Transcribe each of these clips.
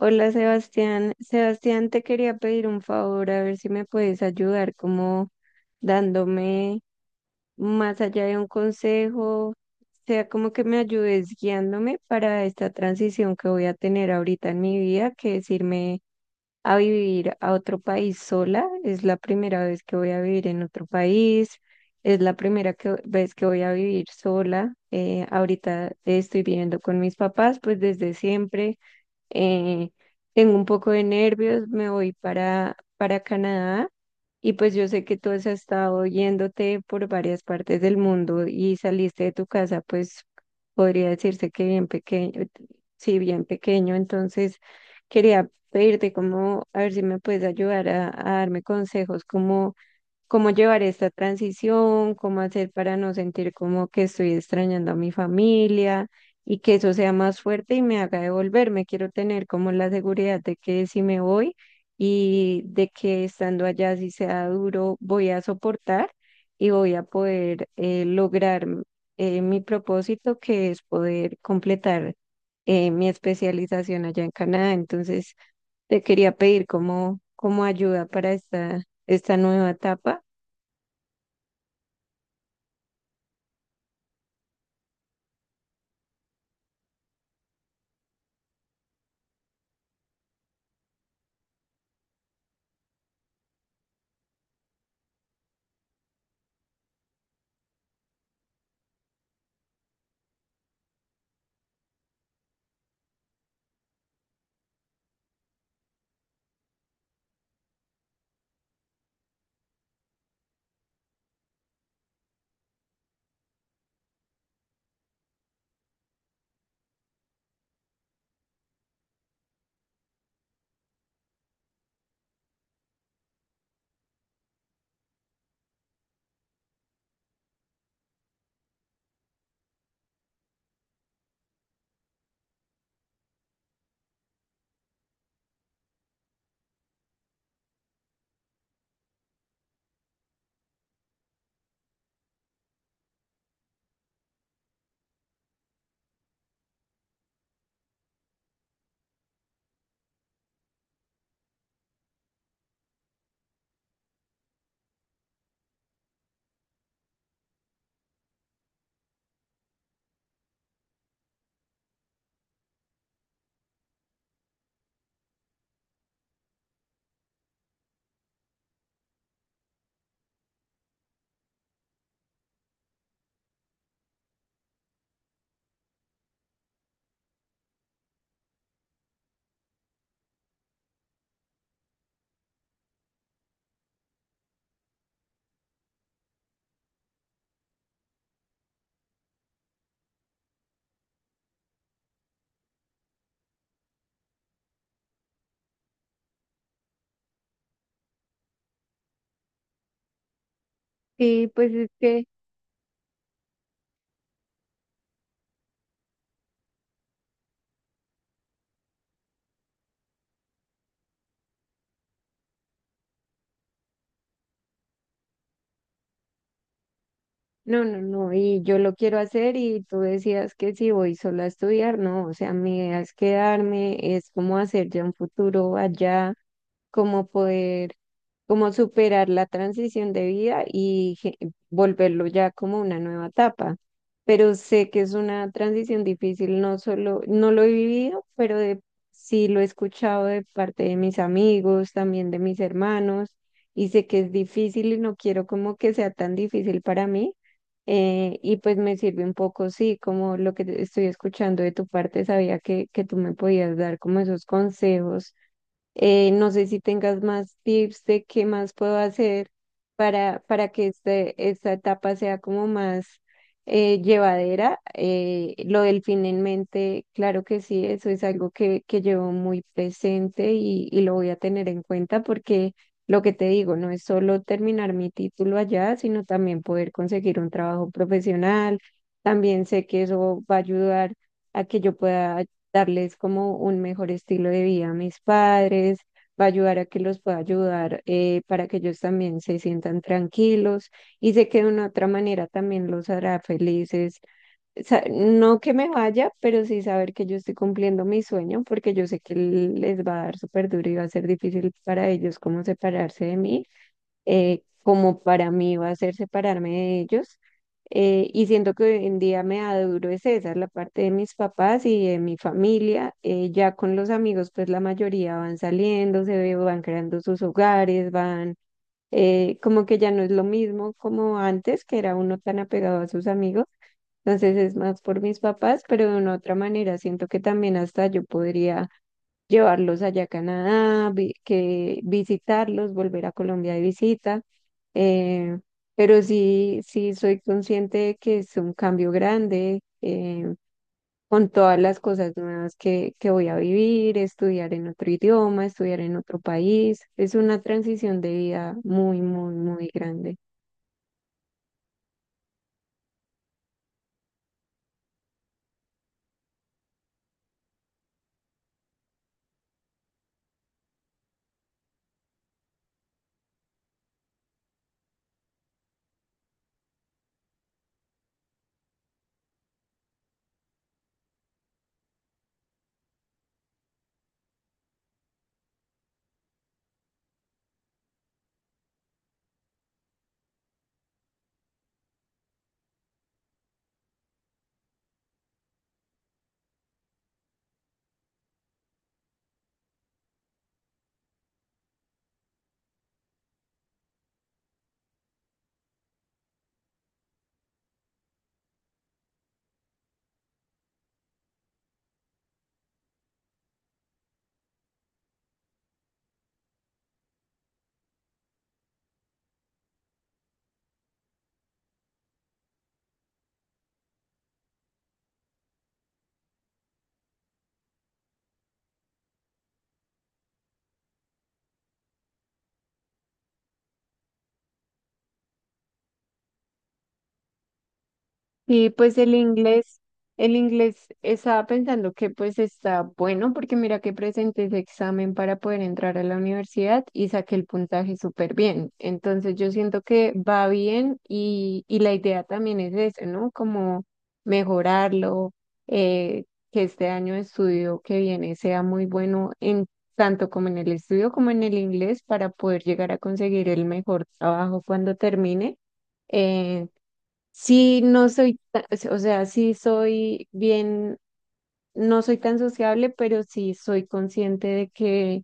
Hola Sebastián, te quería pedir un favor, a ver si me puedes ayudar como dándome, más allá de un consejo, sea como que me ayudes guiándome para esta transición que voy a tener ahorita en mi vida, que es irme a vivir a otro país sola. Es la primera vez que voy a vivir en otro país, es la primera vez que voy a vivir sola. Ahorita estoy viviendo con mis papás, pues desde siempre. eh, Tengo un poco de nervios, me voy para Canadá, y pues yo sé que tú has estado yéndote por varias partes del mundo y saliste de tu casa, pues podría decirse que bien pequeño, sí, bien pequeño. Entonces quería pedirte como, a ver si me puedes ayudar a darme consejos como cómo llevar esta transición, cómo hacer para no sentir como que estoy extrañando a mi familia y que eso sea más fuerte y me haga devolverme. Quiero tener como la seguridad de que si me voy y de que estando allá, si sea duro, voy a soportar y voy a poder lograr mi propósito, que es poder completar mi especialización allá en Canadá. Entonces, te quería pedir como ayuda para esta nueva etapa. Sí, pues es que no, no, no, y yo lo quiero hacer. Y tú decías que si voy sola a estudiar, no, o sea, mi idea es quedarme, es como hacer ya un futuro allá, como poder, como superar la transición de vida y volverlo ya como una nueva etapa. Pero sé que es una transición difícil, no solo, no lo he vivido, pero sí lo he escuchado de parte de mis amigos, también de mis hermanos, y sé que es difícil y no quiero como que sea tan difícil para mí. Y pues me sirve un poco, sí, como lo que estoy escuchando de tu parte. Sabía que tú me podías dar como esos consejos. No sé si tengas más tips de qué más puedo hacer para que esta etapa sea como más llevadera. Lo del fin en mente, claro que sí, eso es algo que llevo muy presente, y lo voy a tener en cuenta, porque lo que te digo, no es solo terminar mi título allá, sino también poder conseguir un trabajo profesional. También sé que eso va a ayudar a que yo pueda darles como un mejor estilo de vida a mis padres, va a ayudar a que los pueda ayudar, para que ellos también se sientan tranquilos, y sé que de una otra manera también los hará felices. No que me vaya, pero sí saber que yo estoy cumpliendo mi sueño, porque yo sé que les va a dar súper duro y va a ser difícil para ellos como separarse de mí, como para mí va a ser separarme de ellos. Y siento que hoy en día me da duro es esa, la parte de mis papás y de mi familia. Ya con los amigos, pues la mayoría van saliendo, van creando sus hogares, van, como que ya no es lo mismo como antes, que era uno tan apegado a sus amigos. Entonces es más por mis papás, pero de una otra manera siento que también hasta yo podría llevarlos allá a Canadá, que visitarlos, volver a Colombia de visita. eh, pero sí, sí soy consciente de que es un cambio grande, con todas las cosas nuevas que voy a vivir, estudiar en otro idioma, estudiar en otro país. Es una transición de vida muy, muy, muy grande. Y pues el inglés estaba pensando que pues está bueno, porque mira que presenté ese examen para poder entrar a la universidad y saqué el puntaje súper bien. Entonces yo siento que va bien, y la idea también es eso, ¿no? Como mejorarlo, eh, que este año de estudio que viene sea muy bueno en tanto como en el estudio como en el inglés, para poder llegar a conseguir el mejor trabajo cuando termine. eh, Sí, no soy, o sea, sí soy bien, no soy tan sociable, pero sí soy consciente de que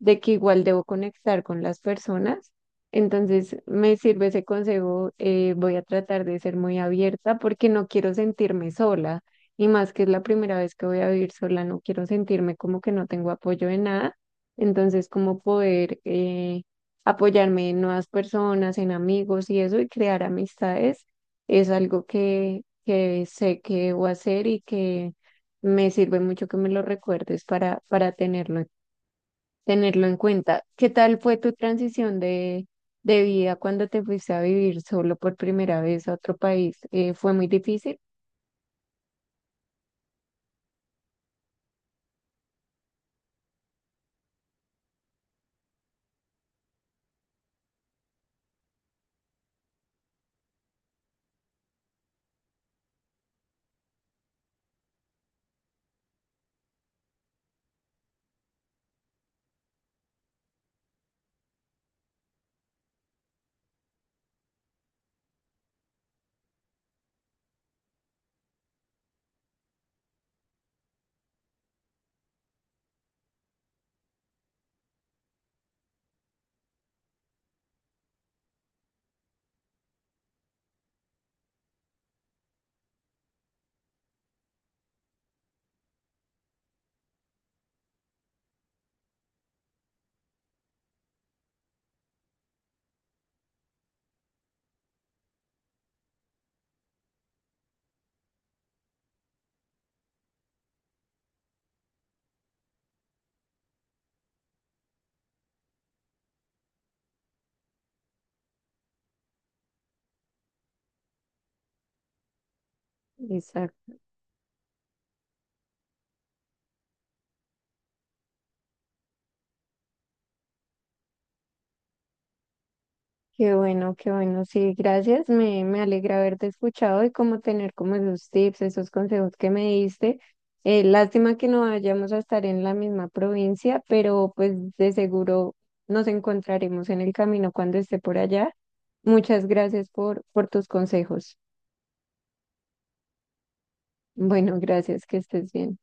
de que igual debo conectar con las personas. Entonces, me sirve ese consejo. Voy a tratar de ser muy abierta, porque no quiero sentirme sola, y más que es la primera vez que voy a vivir sola, no quiero sentirme como que no tengo apoyo de nada. Entonces, como poder apoyarme en nuevas personas, en amigos y eso, y crear amistades es algo que sé que debo hacer, y que me sirve mucho que me lo recuerdes para tenerlo en cuenta. ¿Qué tal fue tu transición de vida cuando te fuiste a vivir solo por primera vez a otro país? ¿Fue muy difícil? Exacto. Qué bueno, qué bueno. Sí, gracias. Me alegra haberte escuchado y como tener como esos tips, esos consejos que me diste. Lástima que no vayamos a estar en la misma provincia, pero pues de seguro nos encontraremos en el camino cuando esté por allá. Muchas gracias por tus consejos. Bueno, gracias, que estés bien.